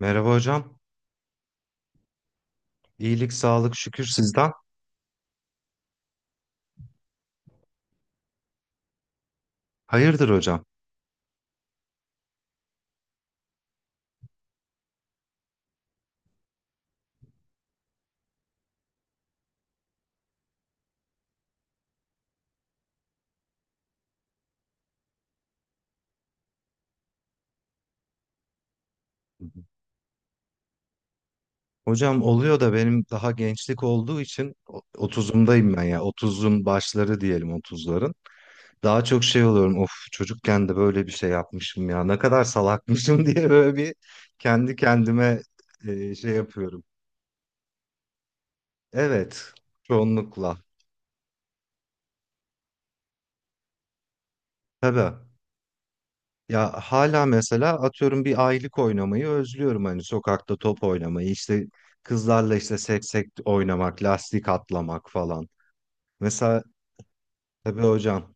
Merhaba hocam. İyilik, sağlık, şükür sizden. Hayırdır hocam? Hı hı. Hocam oluyor da benim daha gençlik olduğu için 30'umdayım ben ya. Otuzun başları diyelim, otuzların. Daha çok şey oluyorum. Of çocukken de böyle bir şey yapmışım ya. Ne kadar salakmışım diye böyle bir kendi kendime şey yapıyorum. Evet, çoğunlukla. Tabii. Ya hala mesela atıyorum bir aylık oynamayı özlüyorum, hani sokakta top oynamayı, işte kızlarla işte seksek oynamak, lastik atlamak falan. Mesela tabii hocam.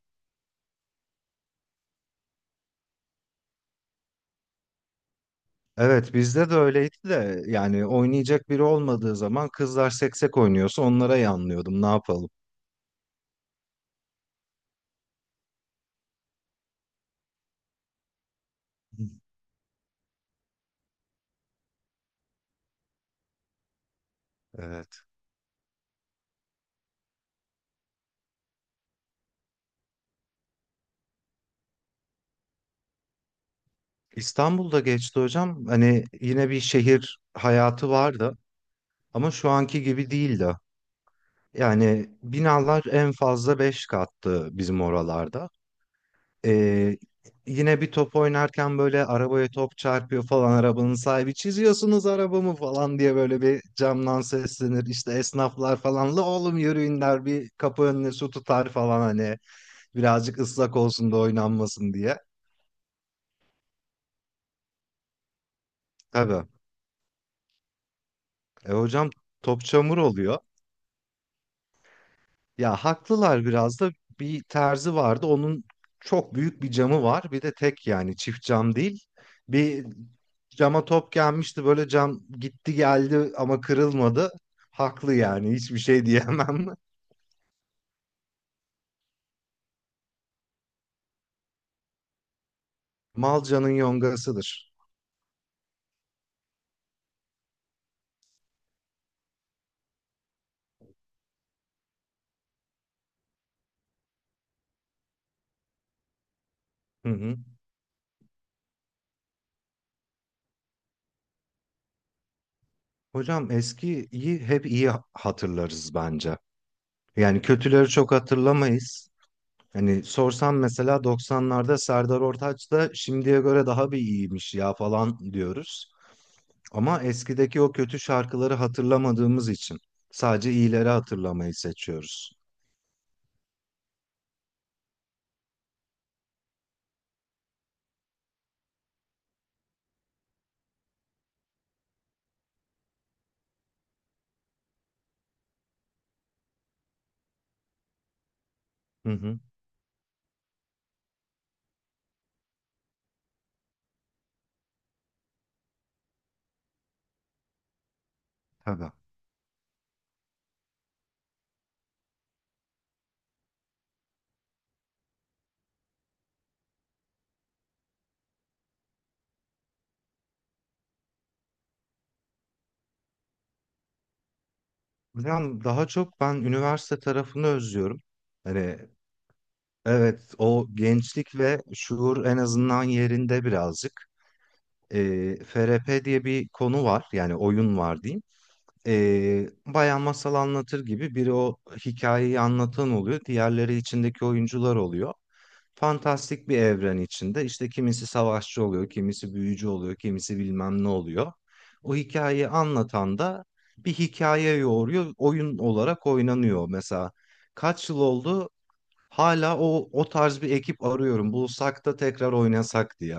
Evet, bizde de öyleydi de yani oynayacak biri olmadığı zaman kızlar seksek oynuyorsa onlara yanlıyordum, ne yapalım. İstanbul'da geçti hocam. Hani yine bir şehir hayatı vardı ama şu anki gibi değildi. Yani binalar en fazla 5 kattı bizim oralarda. Ee, Yine bir top oynarken böyle arabaya top çarpıyor falan, arabanın sahibi çiziyorsunuz arabamı falan diye böyle bir camdan seslenir. İşte esnaflar falan la oğlum yürüyün der, bir kapı önüne su tutar falan, hani birazcık ıslak olsun da oynanmasın diye. Tabii. E hocam, top çamur oluyor. Ya haklılar biraz da, bir terzi vardı. Onun çok büyük bir camı var. Bir de tek yani çift cam değil. Bir cama top gelmişti, böyle cam gitti geldi ama kırılmadı. Haklı yani, hiçbir şey diyemem. Malca'nın yongasıdır. Hı hı. Hocam eskiyi hep iyi hatırlarız bence. Yani kötüleri çok hatırlamayız. Hani sorsam mesela 90'larda Serdar Ortaç da şimdiye göre daha bir iyiymiş ya falan diyoruz. Ama eskideki o kötü şarkıları hatırlamadığımız için sadece iyileri hatırlamayı seçiyoruz. Hı hı, tabii. Yani daha çok ben üniversite tarafını özlüyorum. Hani, evet, o gençlik ve şuur en azından yerinde birazcık. FRP diye bir konu var, yani oyun var diyeyim. Bayan masal anlatır gibi biri o hikayeyi anlatan oluyor, diğerleri içindeki oyuncular oluyor. Fantastik bir evren içinde işte kimisi savaşçı oluyor, kimisi büyücü oluyor, kimisi bilmem ne oluyor. O hikayeyi anlatan da bir hikaye yoğuruyor, oyun olarak oynanıyor. Mesela kaç yıl oldu? Hala o tarz bir ekip arıyorum. Bulsak da tekrar oynasak diye.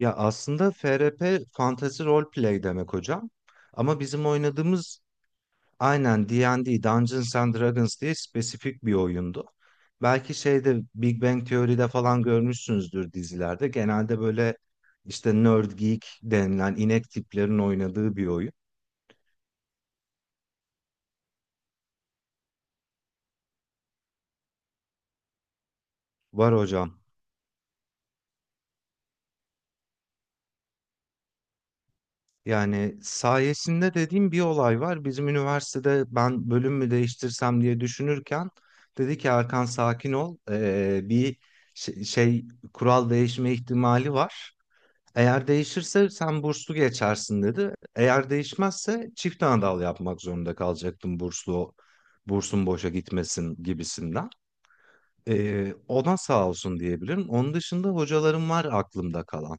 Ya aslında FRP Fantasy Role Play demek hocam. Ama bizim oynadığımız aynen D&D Dungeons and Dragons diye spesifik bir oyundu. Belki şeyde Big Bang Theory'de falan görmüşsünüzdür dizilerde. Genelde böyle işte nerd geek denilen inek tiplerin oynadığı bir oyun. Var hocam. Yani sayesinde dediğim bir olay var. Bizim üniversitede ben bölüm mü değiştirsem diye düşünürken dedi ki Erkan sakin ol. Bir şey, şey, kural değişme ihtimali var. Eğer değişirse sen burslu geçersin dedi. Eğer değişmezse çift anadal yapmak zorunda kalacaktım, bursun boşa gitmesin gibisinden. Ona sağ olsun diyebilirim. Onun dışında hocalarım var aklımda kalan.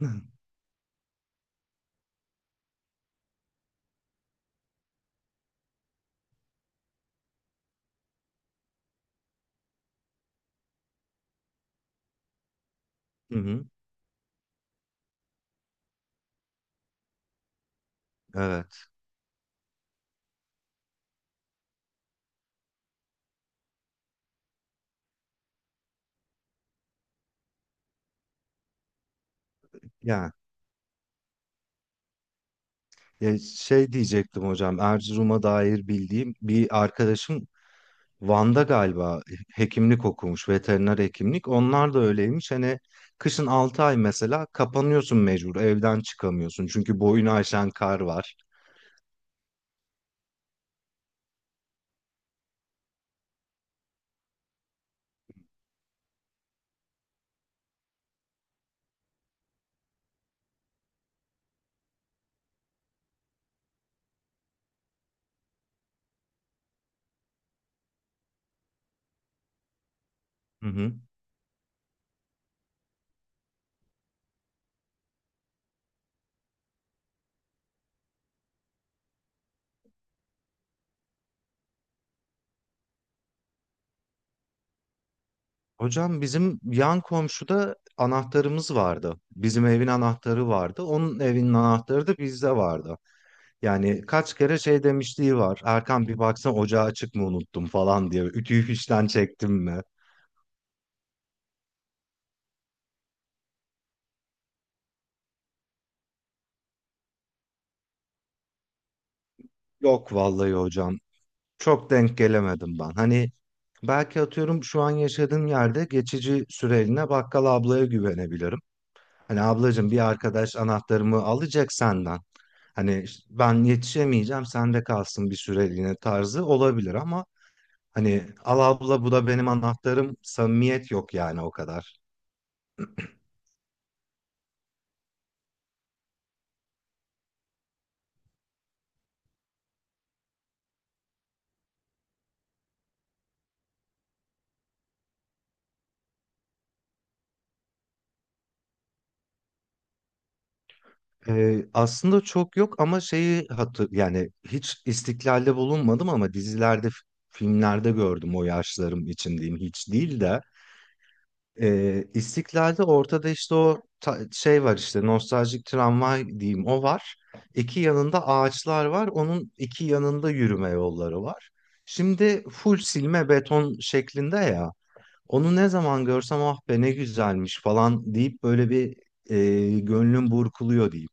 Hı hı, evet. Yani. Ya şey diyecektim hocam, Erzurum'a dair bildiğim bir arkadaşım Van'da galiba hekimlik okumuş, veteriner hekimlik. Onlar da öyleymiş. Hani kışın 6 ay mesela kapanıyorsun mecbur, evden çıkamıyorsun. Çünkü boyunu aşan kar var. Hı hı. Hocam bizim yan komşuda anahtarımız vardı. Bizim evin anahtarı vardı. Onun evinin anahtarı da bizde vardı. Yani kaç kere şey demişliği var. Erkan bir baksana ocağı açık mı unuttum falan diye. Ütüyü fişten çektim mi? Yok vallahi hocam. Çok denk gelemedim ben. Hani belki atıyorum şu an yaşadığım yerde geçici süreliğine bakkal ablaya güvenebilirim. Hani ablacığım bir arkadaş anahtarımı alacak senden. Hani işte ben yetişemeyeceğim, sende kalsın bir süreliğine tarzı olabilir ama, hani al abla bu da benim anahtarım, samimiyet yok yani o kadar. Aslında çok yok ama şeyi hatır yani hiç istiklalde bulunmadım ama dizilerde filmlerde gördüm o yaşlarım için diyeyim hiç değil de. İstiklalde ortada işte o şey var, işte nostaljik tramvay diyeyim o var, iki yanında ağaçlar var, onun iki yanında yürüme yolları var, şimdi full silme beton şeklinde ya, onu ne zaman görsem ah be ne güzelmiş falan deyip böyle bir gönlüm burkuluyor diyeyim.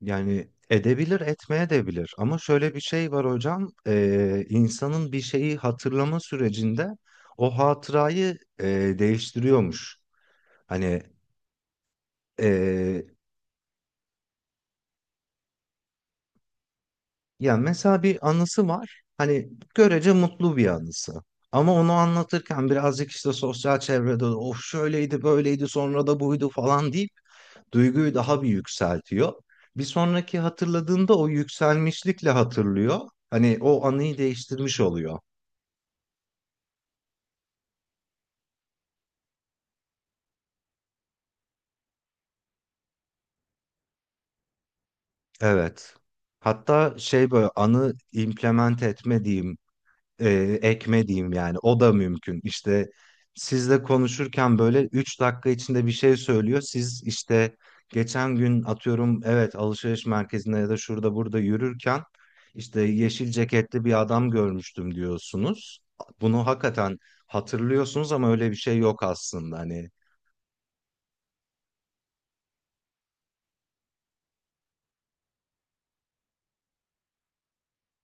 Yani edebilir, etmeye de bilir. Ama şöyle bir şey var hocam, insanın bir şeyi hatırlama sürecinde o hatırayı değiştiriyormuş. Hani eee yani mesela bir anısı var, hani görece mutlu bir anısı. Ama onu anlatırken birazcık işte sosyal çevrede of şöyleydi, böyleydi, sonra da buydu falan deyip duyguyu daha bir yükseltiyor. Bir sonraki hatırladığında o yükselmişlikle hatırlıyor. Hani o anıyı değiştirmiş oluyor. Evet. Hatta şey böyle anı implement etme diyeyim, e, ekme yani o da mümkün. İşte sizle konuşurken böyle 3 dakika içinde bir şey söylüyor. Siz işte geçen gün atıyorum evet alışveriş merkezinde ya da şurada burada yürürken işte yeşil ceketli bir adam görmüştüm diyorsunuz. Bunu hakikaten hatırlıyorsunuz ama öyle bir şey yok aslında. Hani